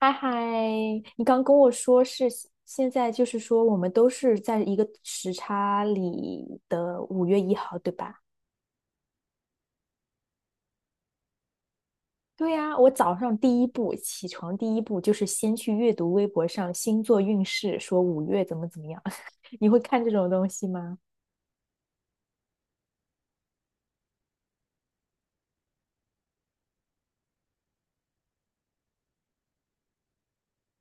嗨嗨，你刚跟我说是现在，就是说我们都是在一个时差里的五月一号，对吧？对呀，我早上第一步起床，第一步就是先去阅读微博上星座运势，说五月怎么怎么样。你会看这种东西吗？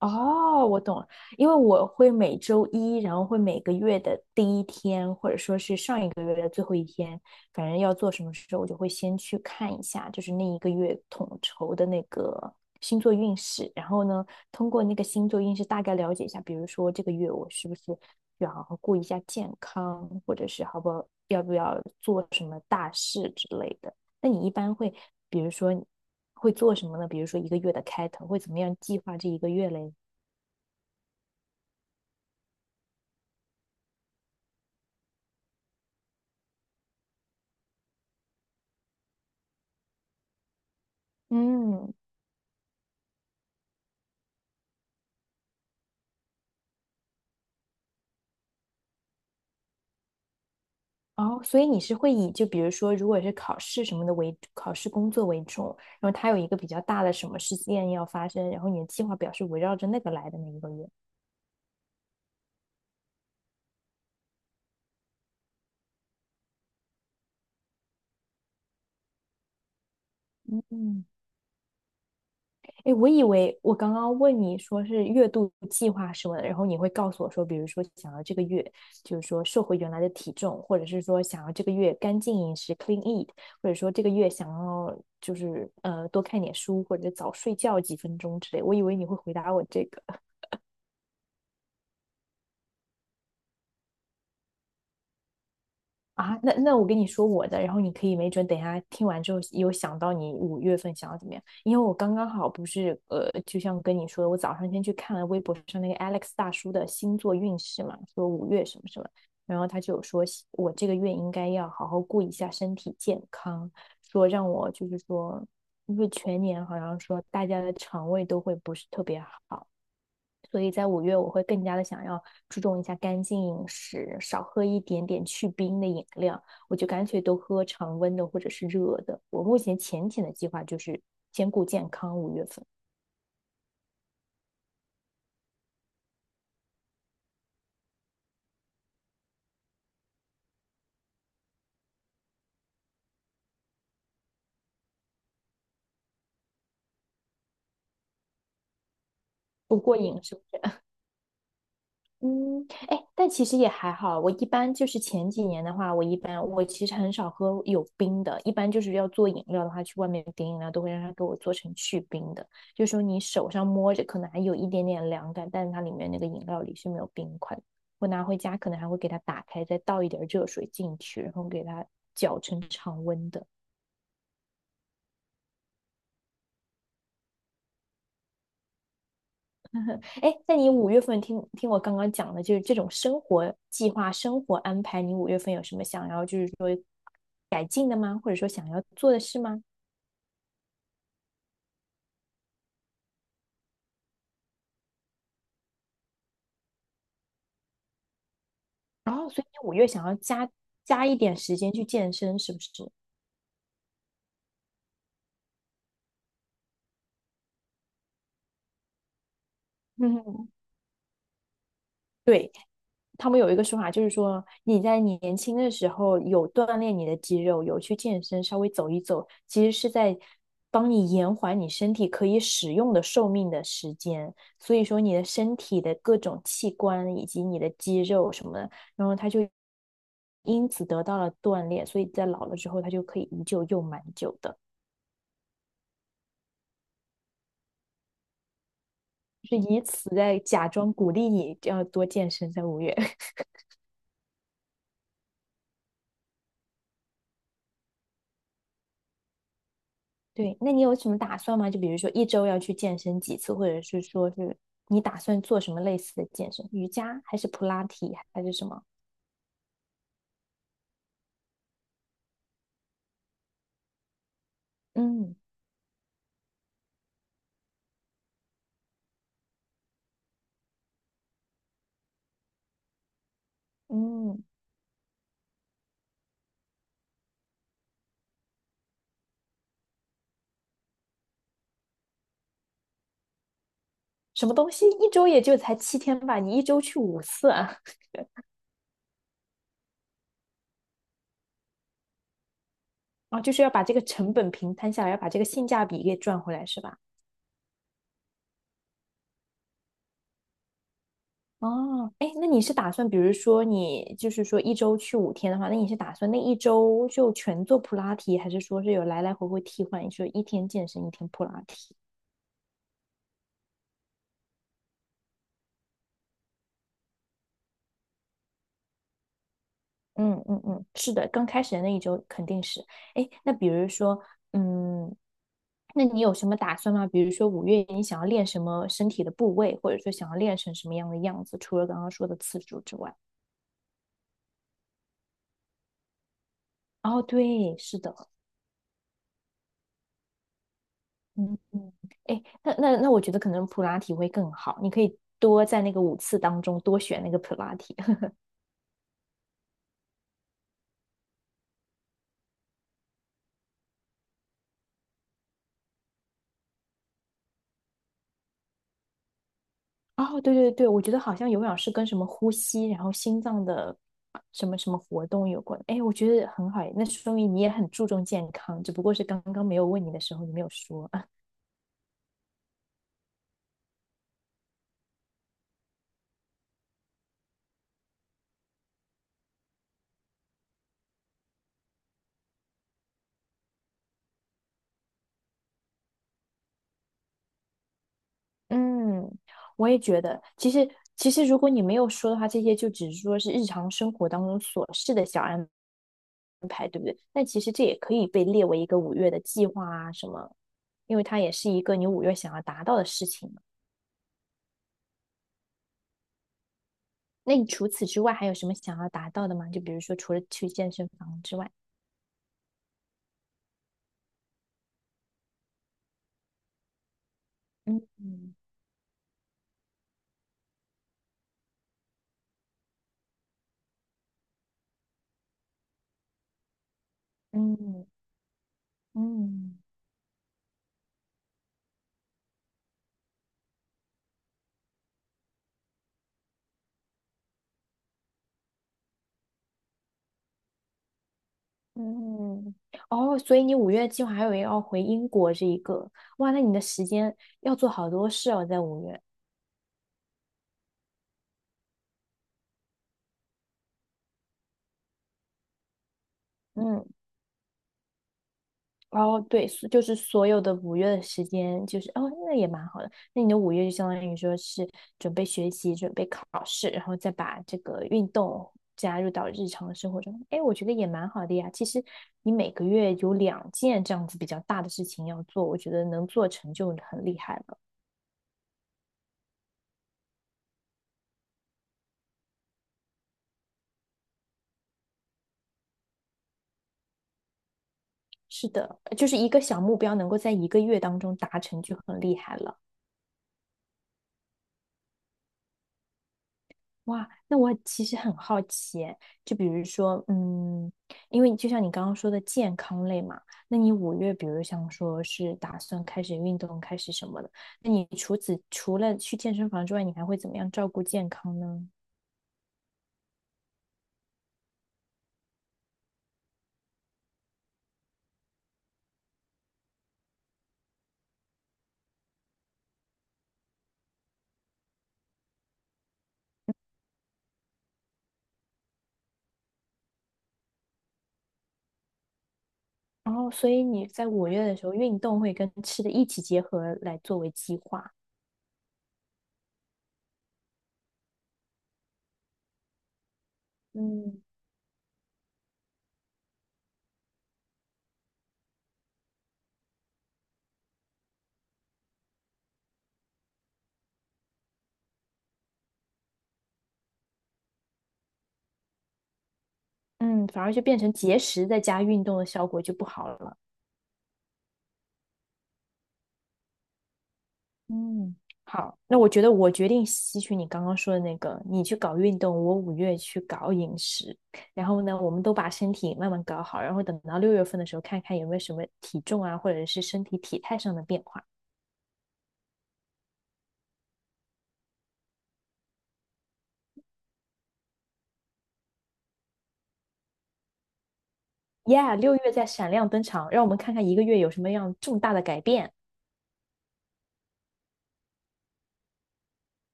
哦，我懂了，因为我会每周一，然后会每个月的第一天，或者说是上一个月的最后一天，反正要做什么事，我就会先去看一下，就是那一个月统筹的那个星座运势，然后呢，通过那个星座运势大概了解一下，比如说这个月我是不是要好好顾一下健康，或者是好不好，要不要做什么大事之类的。那你一般会，比如说会做什么呢？比如说一个月的开头会怎么样计划这一个月嘞？嗯，哦，所以你是会以就比如说，如果是考试什么的为考试工作为重，然后它有一个比较大的什么事件要发生，然后你的计划表是围绕着那个来的那一个月。嗯，哎，我以为我刚刚问你说是月度计划什么的，然后你会告诉我说，比如说想要这个月，就是说瘦回原来的体重，或者是说想要这个月干净饮食（ （clean eat），或者说这个月想要就是多看点书或者早睡觉几分钟之类。我以为你会回答我这个。啊，那我跟你说我的，然后你可以没准等一下听完之后有想到你五月份想要怎么样，因为我刚刚好不是，就像跟你说的，我早上先去看了微博上那个 Alex 大叔的星座运势嘛，说五月什么什么，然后他就有说我这个月应该要好好顾一下身体健康，说让我就是说，因为全年好像说大家的肠胃都会不是特别好。所以在五月我会更加的想要注重一下干净饮食，少喝一点点去冰的饮料，我就干脆都喝常温的或者是热的。我目前浅浅的计划就是兼顾健康，五月份。不过饮食嗯，哎，但其实也还好。我一般就是前几年的话，我一般我其实很少喝有冰的，一般就是要做饮料的话，去外面点饮料都会让他给我做成去冰的，就是说你手上摸着可能还有一点点凉感，但是它里面那个饮料里是没有冰块的。我拿回家可能还会给它打开，再倒一点热水进去，然后给它搅成常温的。哎，那你五月份听听我刚刚讲的，就是这种生活计划、生活安排，你五月份有什么想要，就是说改进的吗？或者说想要做的事吗？然后，所以你五月想要加一点时间去健身，是不是？嗯，对，他们有一个说法，就是说你在你年轻的时候有锻炼你的肌肉，有去健身，稍微走一走，其实是在帮你延缓你身体可以使用的寿命的时间。所以说你的身体的各种器官以及你的肌肉什么的，然后它就因此得到了锻炼，所以在老了之后，它就可以依旧用蛮久的。就是以此在假装鼓励你要多健身，在五月。对，那你有什么打算吗？就比如说一周要去健身几次，或者是说是你打算做什么类似的健身？瑜伽还是普拉提还是什么？嗯嗯，什么东西？一周也就才七天吧，你一周去五次啊？啊，就是要把这个成本平摊下来，要把这个性价比给赚回来，是吧？哦，哎，那你是打算，比如说你就是说一周去五天的话，那你是打算那一周就全做普拉提，还是说是有来来回回替换，就一天健身，一天普拉提？嗯嗯嗯，是的，刚开始的那一周肯定是。哎，那比如说，嗯，那你有什么打算吗？比如说五月你想要练什么身体的部位，或者说想要练成什么样的样子，除了刚刚说的次数之外。哦，对，是的。嗯嗯，哎，那，我觉得可能普拉提会更好，你可以多在那个五次当中多选那个普拉提。哦，对对对，我觉得好像有氧是跟什么呼吸，然后心脏的什么什么活动有关。哎，我觉得很好诶，那说明你也很注重健康，只不过是刚刚没有问你的时候，你没有说。嗯，我也觉得，其实如果你没有说的话，这些就只是说是日常生活当中琐事的小安排，对不对？但其实这也可以被列为一个五月的计划啊什么，因为它也是一个你五月想要达到的事情嘛。那你除此之外还有什么想要达到的吗？就比如说除了去健身房之外，嗯嗯嗯嗯嗯，哦，所以你五月计划还有要回英国这一个，哇，那你的时间要做好多事哦，在五月。嗯，哦，对，所就是所有的五月的时间，就是哦，那也蛮好的。那你的五月就相当于说是准备学习、准备考试，然后再把这个运动加入到日常的生活中。哎，我觉得也蛮好的呀。其实你每个月有两件这样子比较大的事情要做，我觉得能做成就很厉害了。是的，就是一个小目标能够在一个月当中达成就很厉害了。哇，那我其实很好奇耶就比如说，嗯，因为就像你刚刚说的健康类嘛，那你五月，比如像说是打算开始运动，开始什么的，那你除了去健身房之外，你还会怎么样照顾健康呢？然后，所以你在五月的时候，运动会跟吃的一起结合来作为计划，嗯。嗯，反而就变成节食再加运动的效果就不好了。嗯，好，那我觉得我决定吸取你刚刚说的那个，你去搞运动，我五月去搞饮食，然后呢，我们都把身体慢慢搞好，然后等到六月份的时候，看看有没有什么体重啊，或者是身体体态上的变化。Yeah，六月在闪亮登场，让我们看看一个月有什么样重大的改变。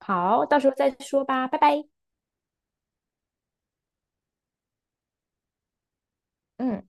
好，到时候再说吧，拜拜。嗯。